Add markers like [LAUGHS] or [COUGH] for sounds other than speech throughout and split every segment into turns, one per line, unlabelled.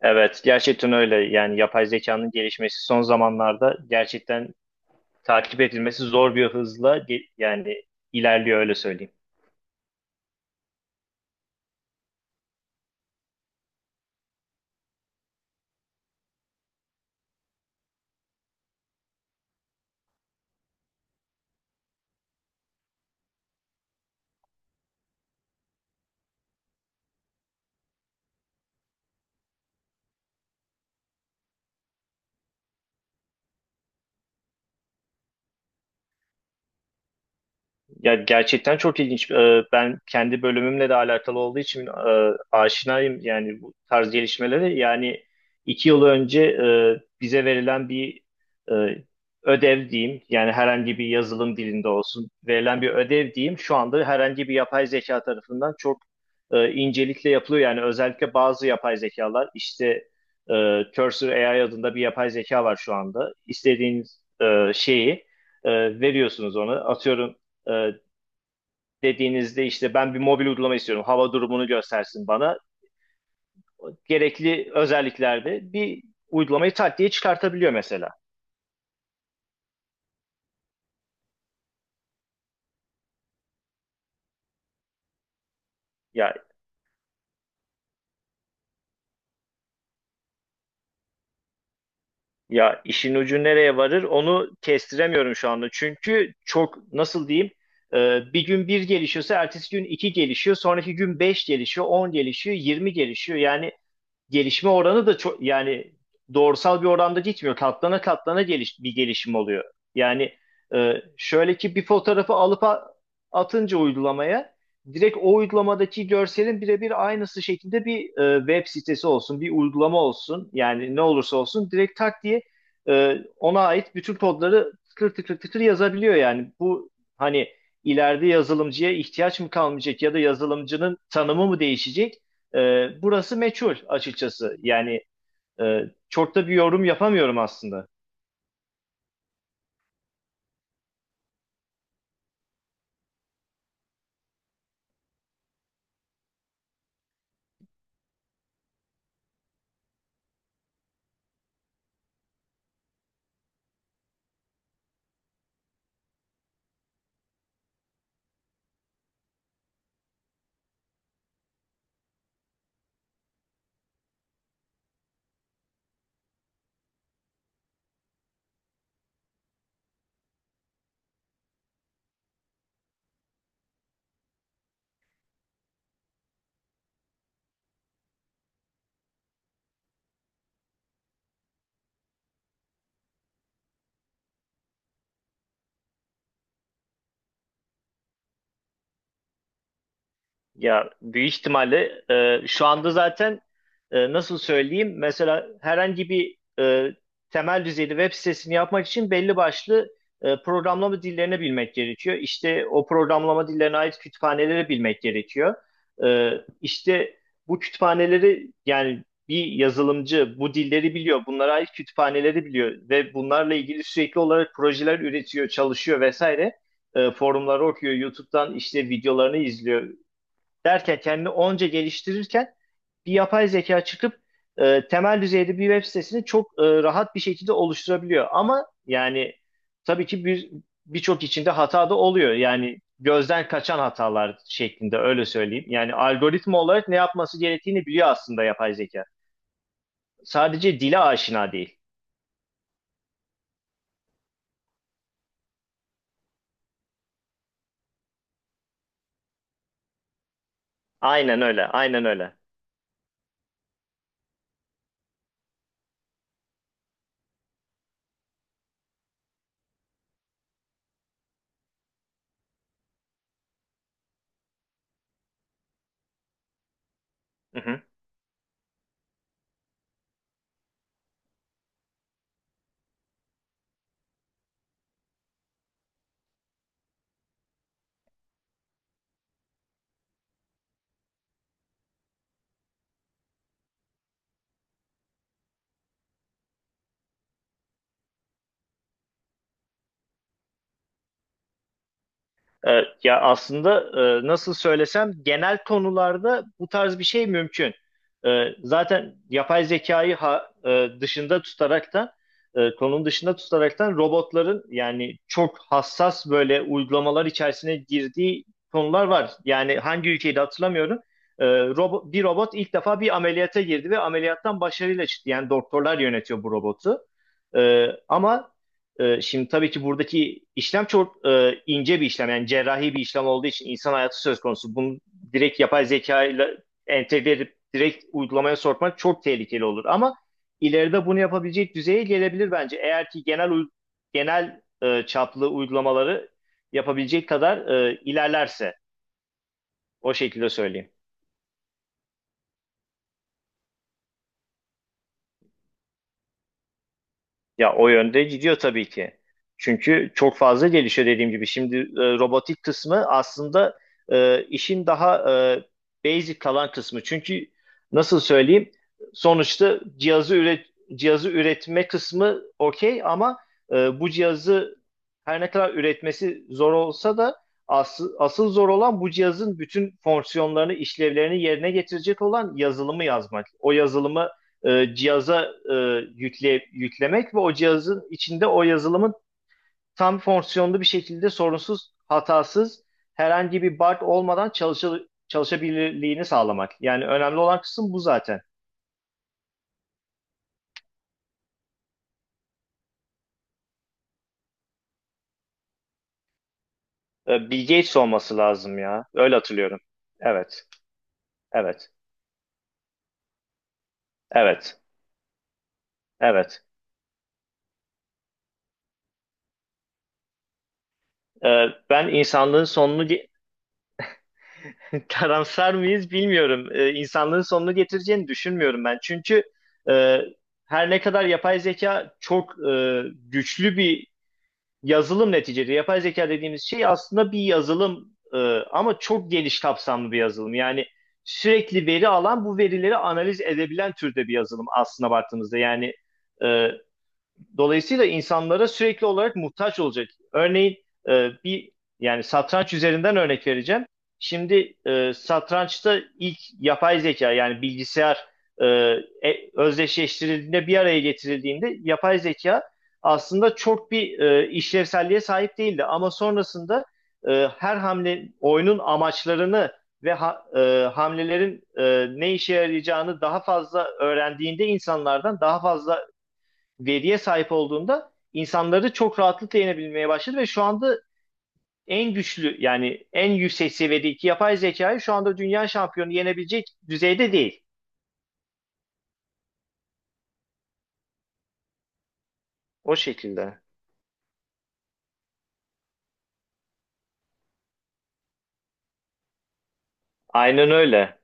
Evet, gerçekten öyle. Yani yapay zekanın gelişmesi son zamanlarda gerçekten takip edilmesi zor bir hızla yani ilerliyor öyle söyleyeyim. Ya gerçekten çok ilginç. Ben kendi bölümümle de alakalı olduğu için aşinayım yani bu tarz gelişmelere. Yani 2 yıl önce bize verilen bir e, ödev diyeyim, yani herhangi bir yazılım dilinde olsun verilen bir ödev diyeyim, şu anda herhangi bir yapay zeka tarafından çok incelikle yapılıyor. Yani özellikle bazı yapay zekalar, işte Cursor AI adında bir yapay zeka var şu anda. İstediğiniz şeyi veriyorsunuz ona. Atıyorum. e, dediğinizde işte ben bir mobil uygulama istiyorum. Hava durumunu göstersin bana. Gerekli özelliklerde bir uygulamayı tak diye çıkartabiliyor mesela. Ya ya işin ucu nereye varır onu kestiremiyorum şu anda. Çünkü çok nasıl diyeyim bir gün bir gelişiyorsa ertesi gün iki gelişiyor. Sonraki gün beş gelişiyor, 10 gelişiyor, 20 gelişiyor. Yani gelişme oranı da çok yani doğrusal bir oranda gitmiyor. Katlana katlana bir gelişim oluyor. Yani şöyle ki bir fotoğrafı alıp atınca uygulamaya direkt o uygulamadaki görselin birebir aynısı şekilde bir web sitesi olsun, bir uygulama olsun. Yani ne olursa olsun direkt tak diye ona ait bütün kodları tıkır tıkır tıkır yazabiliyor yani. Bu hani ileride yazılımcıya ihtiyaç mı kalmayacak ya da yazılımcının tanımı mı değişecek? Burası meçhul açıkçası. Yani e, çok da bir yorum yapamıyorum aslında. Ya büyük ihtimalle şu anda zaten nasıl söyleyeyim mesela herhangi bir temel düzeyde web sitesini yapmak için belli başlı programlama dillerini bilmek gerekiyor. İşte o programlama dillerine ait kütüphaneleri bilmek gerekiyor. E, işte bu kütüphaneleri yani bir yazılımcı bu dilleri biliyor, bunlara ait kütüphaneleri biliyor ve bunlarla ilgili sürekli olarak projeler üretiyor, çalışıyor vesaire forumları okuyor, YouTube'dan işte videolarını izliyor, derken kendini onca geliştirirken bir yapay zeka çıkıp temel düzeyde bir web sitesini çok rahat bir şekilde oluşturabiliyor. Ama yani tabii ki birçok içinde hata da oluyor. Yani gözden kaçan hatalar şeklinde öyle söyleyeyim. Yani algoritma olarak ne yapması gerektiğini biliyor aslında yapay zeka. Sadece dile aşina değil. Aynen öyle, aynen öyle. [LAUGHS] Ya aslında nasıl söylesem genel konularda bu tarz bir şey mümkün. Zaten yapay zekayı dışında tutaraktan konunun dışında tutaraktan robotların yani çok hassas böyle uygulamalar içerisine girdiği konular var. Yani hangi ülkeyi de hatırlamıyorum. Bir robot ilk defa bir ameliyata girdi ve ameliyattan başarıyla çıktı. Yani doktorlar yönetiyor bu robotu. Ama şimdi tabii ki buradaki işlem çok ince bir işlem. Yani cerrahi bir işlem olduğu için insan hayatı söz konusu. Bunu direkt yapay zeka ile entegre edip direkt uygulamaya sokmak çok tehlikeli olur. Ama ileride bunu yapabilecek düzeye gelebilir bence. Eğer ki genel çaplı uygulamaları yapabilecek kadar ilerlerse o şekilde söyleyeyim. Ya o yönde gidiyor tabii ki. Çünkü çok fazla gelişiyor dediğim gibi. Şimdi robotik kısmı aslında işin daha basic kalan kısmı. Çünkü nasıl söyleyeyim? Sonuçta cihazı üretme kısmı okey ama bu cihazı her ne kadar üretmesi zor olsa da asıl zor olan bu cihazın bütün fonksiyonlarını, işlevlerini yerine getirecek olan yazılımı yazmak. O yazılımı cihaza e, yüklemek ve o cihazın içinde o yazılımın tam fonksiyonlu bir şekilde sorunsuz, hatasız, herhangi bir bug olmadan çalışabilirliğini sağlamak. Yani önemli olan kısım bu zaten. Bill Gates olması lazım ya. Öyle hatırlıyorum. Evet, evet, evet, evet. E, Ben insanlığın sonunu... [LAUGHS] Karamsar mıyız bilmiyorum. İnsanlığın sonunu getireceğini düşünmüyorum ben. Çünkü e, her ne kadar yapay zeka çok güçlü bir yazılım neticede. Yapay zeka dediğimiz şey aslında bir yazılım ama çok geniş kapsamlı bir yazılım. Yani sürekli veri alan bu verileri analiz edebilen türde bir yazılım aslına baktığımızda. Yani e, Dolayısıyla insanlara sürekli olarak muhtaç olacak. Örneğin bir yani satranç üzerinden örnek vereceğim. Şimdi satrançta ilk yapay zeka yani bilgisayar e, özdeşleştirildiğinde bir araya getirildiğinde yapay zeka aslında çok bir işlevselliğe sahip değildi. Ama sonrasında her hamle oyunun amaçlarını ve hamlelerin ne işe yarayacağını daha fazla öğrendiğinde insanlardan daha fazla veriye sahip olduğunda insanları çok rahatlıkla yenebilmeye başladı ve şu anda en güçlü yani en yüksek seviyedeki yapay zekayı şu anda dünya şampiyonu yenebilecek düzeyde değil. O şekilde. Aynen öyle.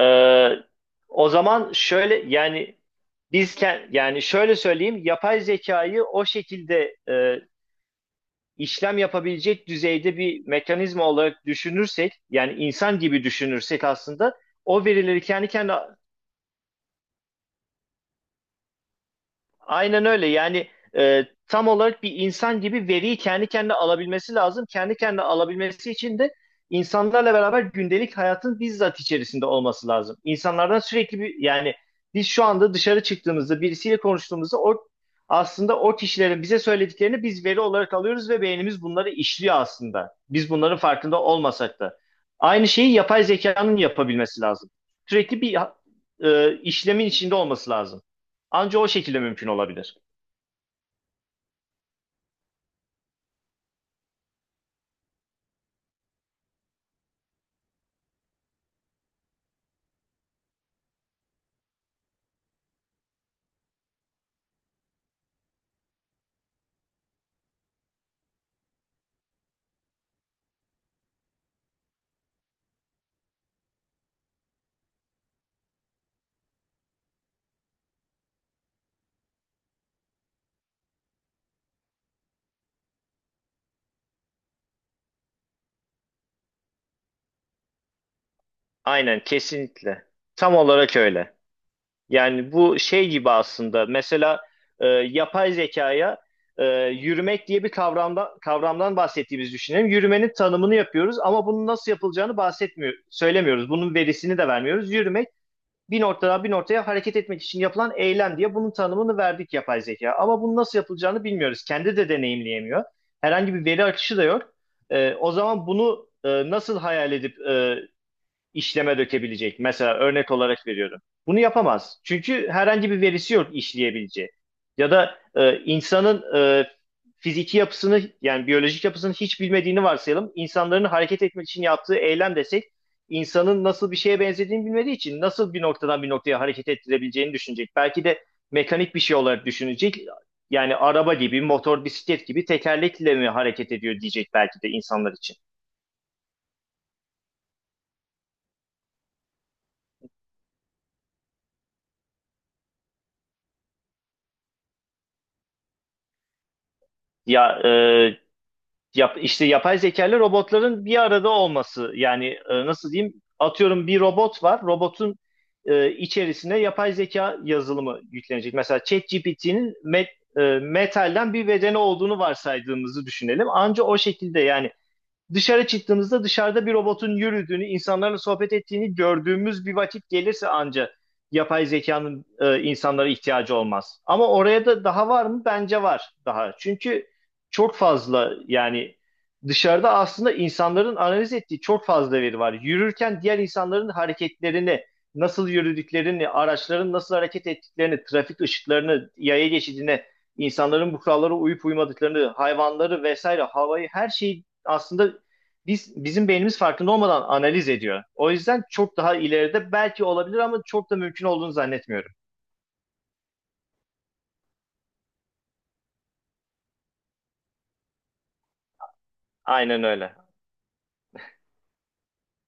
Ee, O zaman şöyle yani biz yani şöyle söyleyeyim yapay zekayı o şekilde işlem yapabilecek düzeyde bir mekanizma olarak düşünürsek yani insan gibi düşünürsek aslında o verileri kendi kendine... Aynen öyle. Yani tam olarak bir insan gibi veriyi kendi kendine alabilmesi lazım. Kendi kendine alabilmesi için de insanlarla beraber gündelik hayatın bizzat içerisinde olması lazım. İnsanlardan sürekli bir yani biz şu anda dışarı çıktığımızda birisiyle konuştuğumuzda o aslında o kişilerin bize söylediklerini biz veri olarak alıyoruz ve beynimiz bunları işliyor aslında. Biz bunların farkında olmasak da. Aynı şeyi yapay zekanın yapabilmesi lazım. Sürekli bir işlemin içinde olması lazım. Anca o şekilde mümkün olabilir. Aynen kesinlikle. Tam olarak öyle. Yani bu şey gibi aslında mesela yapay zekaya yürümek diye bir kavramdan bahsettiğimizi düşünelim. Yürümenin tanımını yapıyoruz ama bunun nasıl yapılacağını bahsetmiyor, söylemiyoruz. Bunun verisini de vermiyoruz. Yürümek bir noktadan bir noktaya hareket etmek için yapılan eylem diye bunun tanımını verdik yapay zeka. Ama bunun nasıl yapılacağını bilmiyoruz. Kendi de deneyimleyemiyor. Herhangi bir veri akışı da yok. O zaman bunu nasıl hayal edip işleme dökebilecek. Mesela örnek olarak veriyorum. Bunu yapamaz. Çünkü herhangi bir verisi yok işleyebileceği. Ya da insanın fiziki yapısını yani biyolojik yapısını hiç bilmediğini varsayalım. İnsanların hareket etmek için yaptığı eylem desek insanın nasıl bir şeye benzediğini bilmediği için nasıl bir noktadan bir noktaya hareket ettirebileceğini düşünecek. Belki de mekanik bir şey olarak düşünecek. Yani araba gibi, motor, bisiklet gibi tekerlekle mi hareket ediyor diyecek belki de insanlar için. Ya işte yapay zekalı robotların bir arada olması yani nasıl diyeyim atıyorum bir robot var robotun içerisine yapay zeka yazılımı yüklenecek. Mesela ChatGPT'nin metalden bir bedeni olduğunu varsaydığımızı düşünelim. Anca o şekilde yani dışarı çıktığımızda dışarıda bir robotun yürüdüğünü, insanlarla sohbet ettiğini gördüğümüz bir vakit gelirse anca yapay zekanın insanlara ihtiyacı olmaz. Ama oraya da daha var mı? Bence var daha. Çünkü çok fazla yani dışarıda aslında insanların analiz ettiği çok fazla veri var. Yürürken diğer insanların hareketlerini, nasıl yürüdüklerini, araçların nasıl hareket ettiklerini, trafik ışıklarını, yaya geçidine, insanların bu kurallara uyup uymadıklarını, hayvanları vesaire, havayı her şeyi aslında bizim beynimiz farkında olmadan analiz ediyor. O yüzden çok daha ileride belki olabilir ama çok da mümkün olduğunu zannetmiyorum. Aynen öyle.